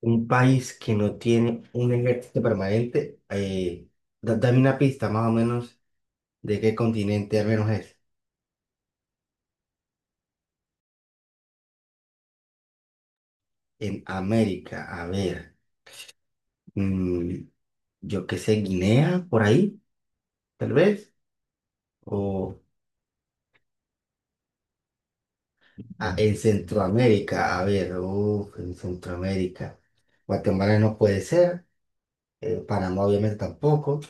Un país que no tiene un ejército permanente, dame una pista más o menos de qué continente al menos es. En América, a ver, mm, yo qué sé, Guinea, por ahí, tal vez. O en Centroamérica, a ver, uf, en Centroamérica. Guatemala no puede ser, Panamá obviamente tampoco,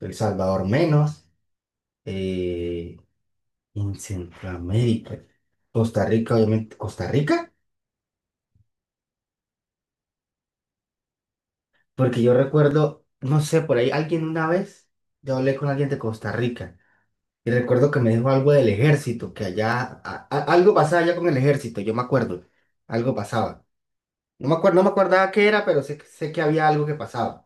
El Salvador menos. eh, en Centroamérica, Costa Rica, obviamente, Costa Rica. Porque yo recuerdo, no sé, por ahí alguien una vez, yo hablé con alguien de Costa Rica y recuerdo que me dijo algo del ejército, que allá, algo pasaba allá con el ejército, yo me acuerdo, algo pasaba. No me acuerdo, no me acordaba qué era, pero sé, sé que había algo que pasaba.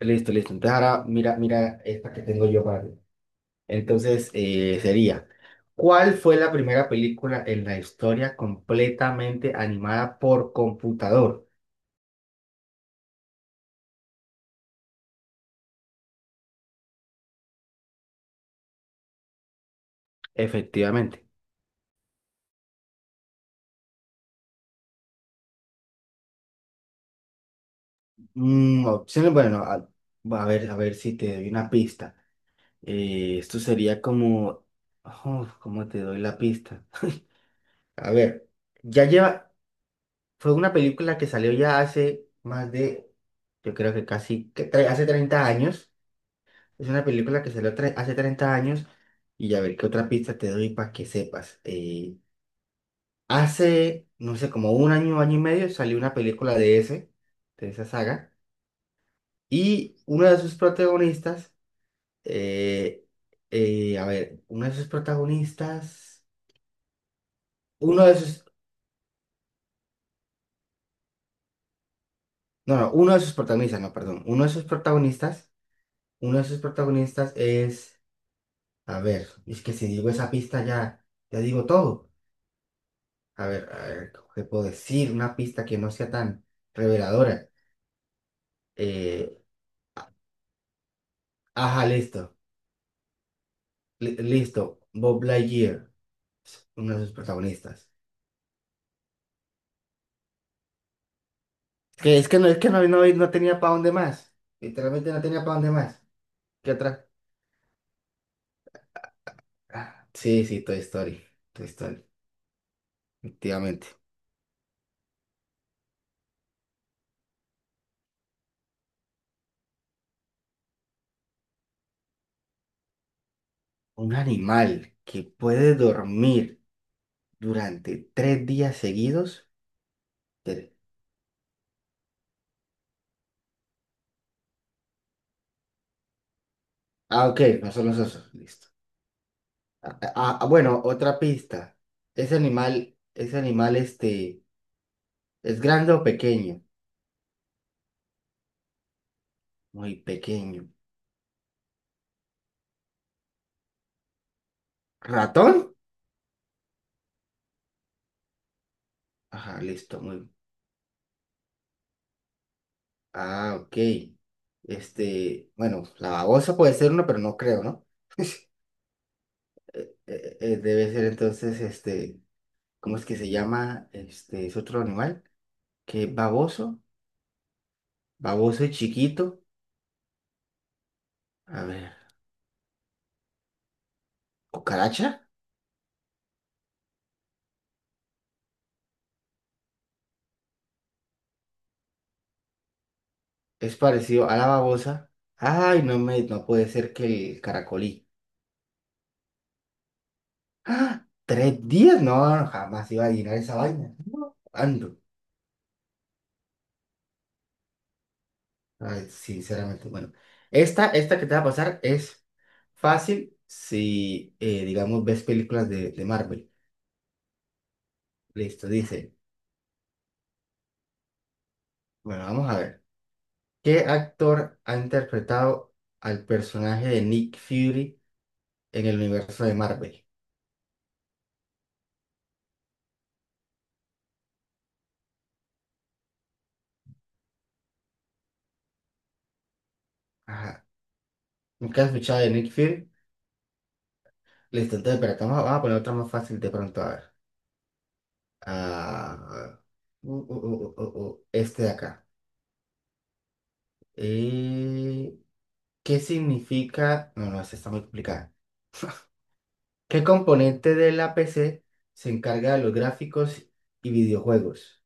Listo, listo. Entonces ahora mira, mira esta que tengo yo para ti. Entonces sería, ¿cuál fue la primera película en la historia completamente animada por computador? Efectivamente. Opciones, bueno, a ver si te doy una pista. Esto sería como, oh, ¿cómo te doy la pista? A ver, ya lleva, fue una película que salió ya hace más de, yo creo que casi, hace 30 años. Es una película que salió hace 30 años y a ver qué otra pista te doy para que sepas. Hace, no sé, como un año, año y medio salió una película de esa saga. Y uno de sus protagonistas. Eh, a ver, uno de sus protagonistas, uno de sus, no, no, uno de sus protagonistas, no, perdón, uno de sus protagonistas, uno de sus protagonistas es, a ver, es que si digo esa pista ya, ya digo todo. A ver, ¿qué puedo decir? Una pista que no sea tan reveladora. Eh, ajá, listo, listo, Bob Lightyear, es uno de sus protagonistas. Es que no, no, no tenía para dónde más, literalmente no tenía para dónde más. ¿Qué otra? Ah, sí, sí, Toy Story. Toy Story, efectivamente. Un animal que puede dormir durante 3 días seguidos. Pero... Ah, ok, no son los osos. Listo. Bueno, otra pista. Ese animal, este, ¿es grande o pequeño? Muy pequeño. ¿Ratón? Ajá, listo, muy. Ah, ok. Este, bueno, la babosa puede ser uno, pero no creo, ¿no? Debe ser entonces, este. ¿Cómo es que se llama? Este, es otro animal, que es baboso, baboso y chiquito. A ver, cucaracha, es parecido a la babosa. Ay, no me, no puede ser que el caracolí. ¡Ah! ¿3 días? No, no, jamás iba a adivinar esa vaina. No, ando. Ay, sinceramente, bueno. Esta que te va a pasar es fácil si, digamos, ves películas de Marvel. Listo, dice. Bueno, vamos a ver. ¿Qué actor ha interpretado al personaje de Nick Fury en el universo de Marvel? Ajá. ¿Nunca has escuchado de Nick Fury? Listo, entonces, pero vamos a poner otra más fácil de pronto, a ver. Ah, este de acá. Eh, ¿Qué significa? No, no, esta está muy complicada. ¿Qué componente de la PC se encarga de los gráficos y videojuegos?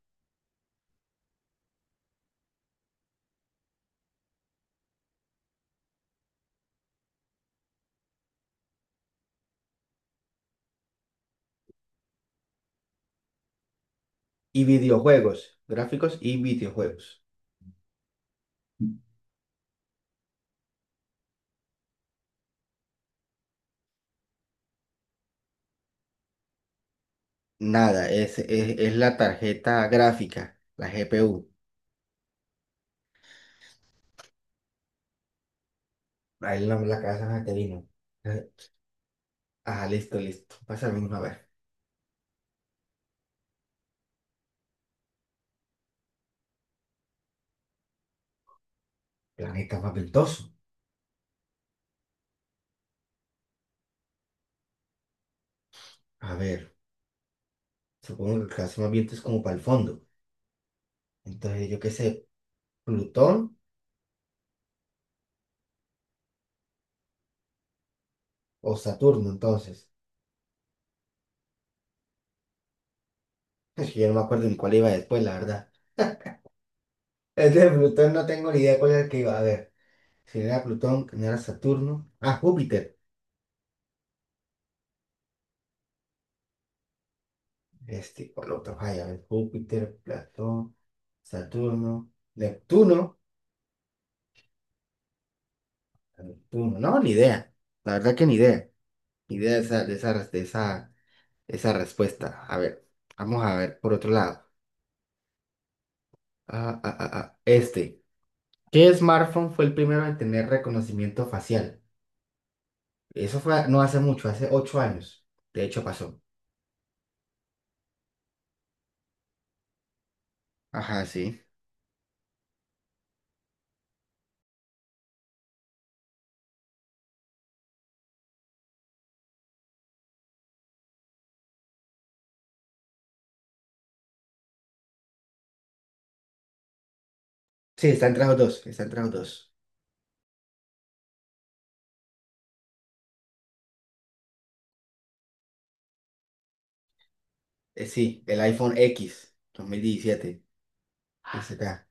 Y videojuegos, gráficos y videojuegos. Nada, es la tarjeta gráfica, la GPU. Ahí la, la casa te vino. Eh, Ah, listo, listo. Pásame uno a ver. Planeta papentoso. A ver, supongo que el caso más viento es como para el fondo. Entonces, yo qué sé, Plutón o Saturno, entonces. Es que yo no me acuerdo ni cuál iba después, la verdad. Es de Plutón, no tengo ni idea cuál era el que iba a ver. Si no era Plutón, que no era Saturno. Ah, Júpiter. Este, por lo otro, ay, a ver, Júpiter, Platón, Saturno, Neptuno. Pum, no, ni idea. La verdad que ni idea. Ni idea de esa, de esa, de esa, de esa respuesta. A ver, vamos a ver por otro lado. Ah. Este. ¿Qué smartphone fue el primero en tener reconocimiento facial? Eso fue no hace mucho, hace 8 años. De hecho, pasó. Ajá, sí. Sí, está entre los dos. Está entre los dos. Sí, el iPhone X 2017. Ese acá.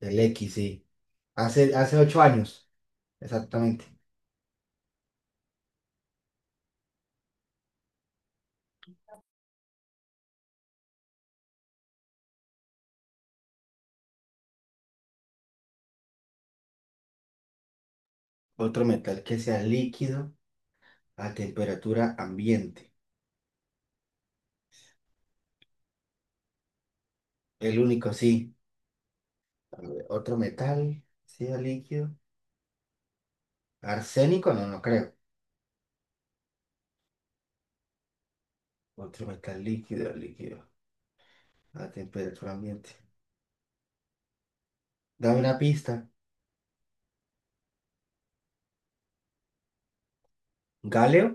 El X, sí. Hace, hace 8 años. Exactamente. Otro metal que sea líquido a temperatura ambiente. El único sí. A ver, otro metal, ácido líquido. Arsénico, no, no creo. Otro metal líquido, líquido. A temperatura ambiente. Dame una pista. Galio.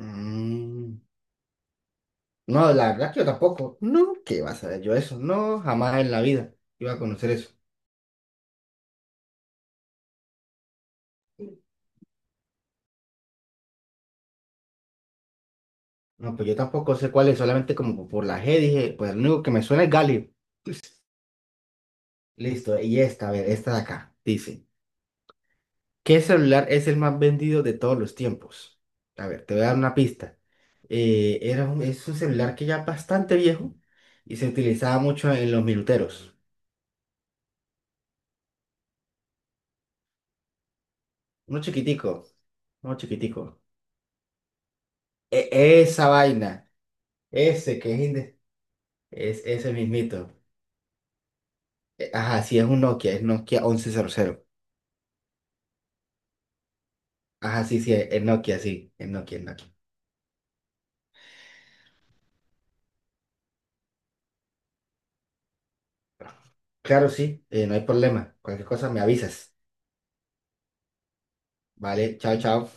Mm, no, la verdad que yo tampoco. No, ¿qué vas a ver yo eso? No, jamás en la vida iba a conocer eso. No, pues yo tampoco sé cuál es, solamente como por la G dije, pues lo único que me suena es galio. Listo, y esta, a ver, esta de acá, dice. ¿Qué celular es el más vendido de todos los tiempos? A ver, te voy a dar una pista. Es un celular que ya es bastante viejo y se utilizaba mucho en los minuteros. Uno chiquitico, uno chiquitico. E- esa vaina, ese que es, inde... es ese mismito. Ajá, sí, es un Nokia, es Nokia 1100. Ajá, sí, sí, es Nokia, es Nokia. Claro, sí, no hay problema. Cualquier cosa me avisas. Vale, chao, chao.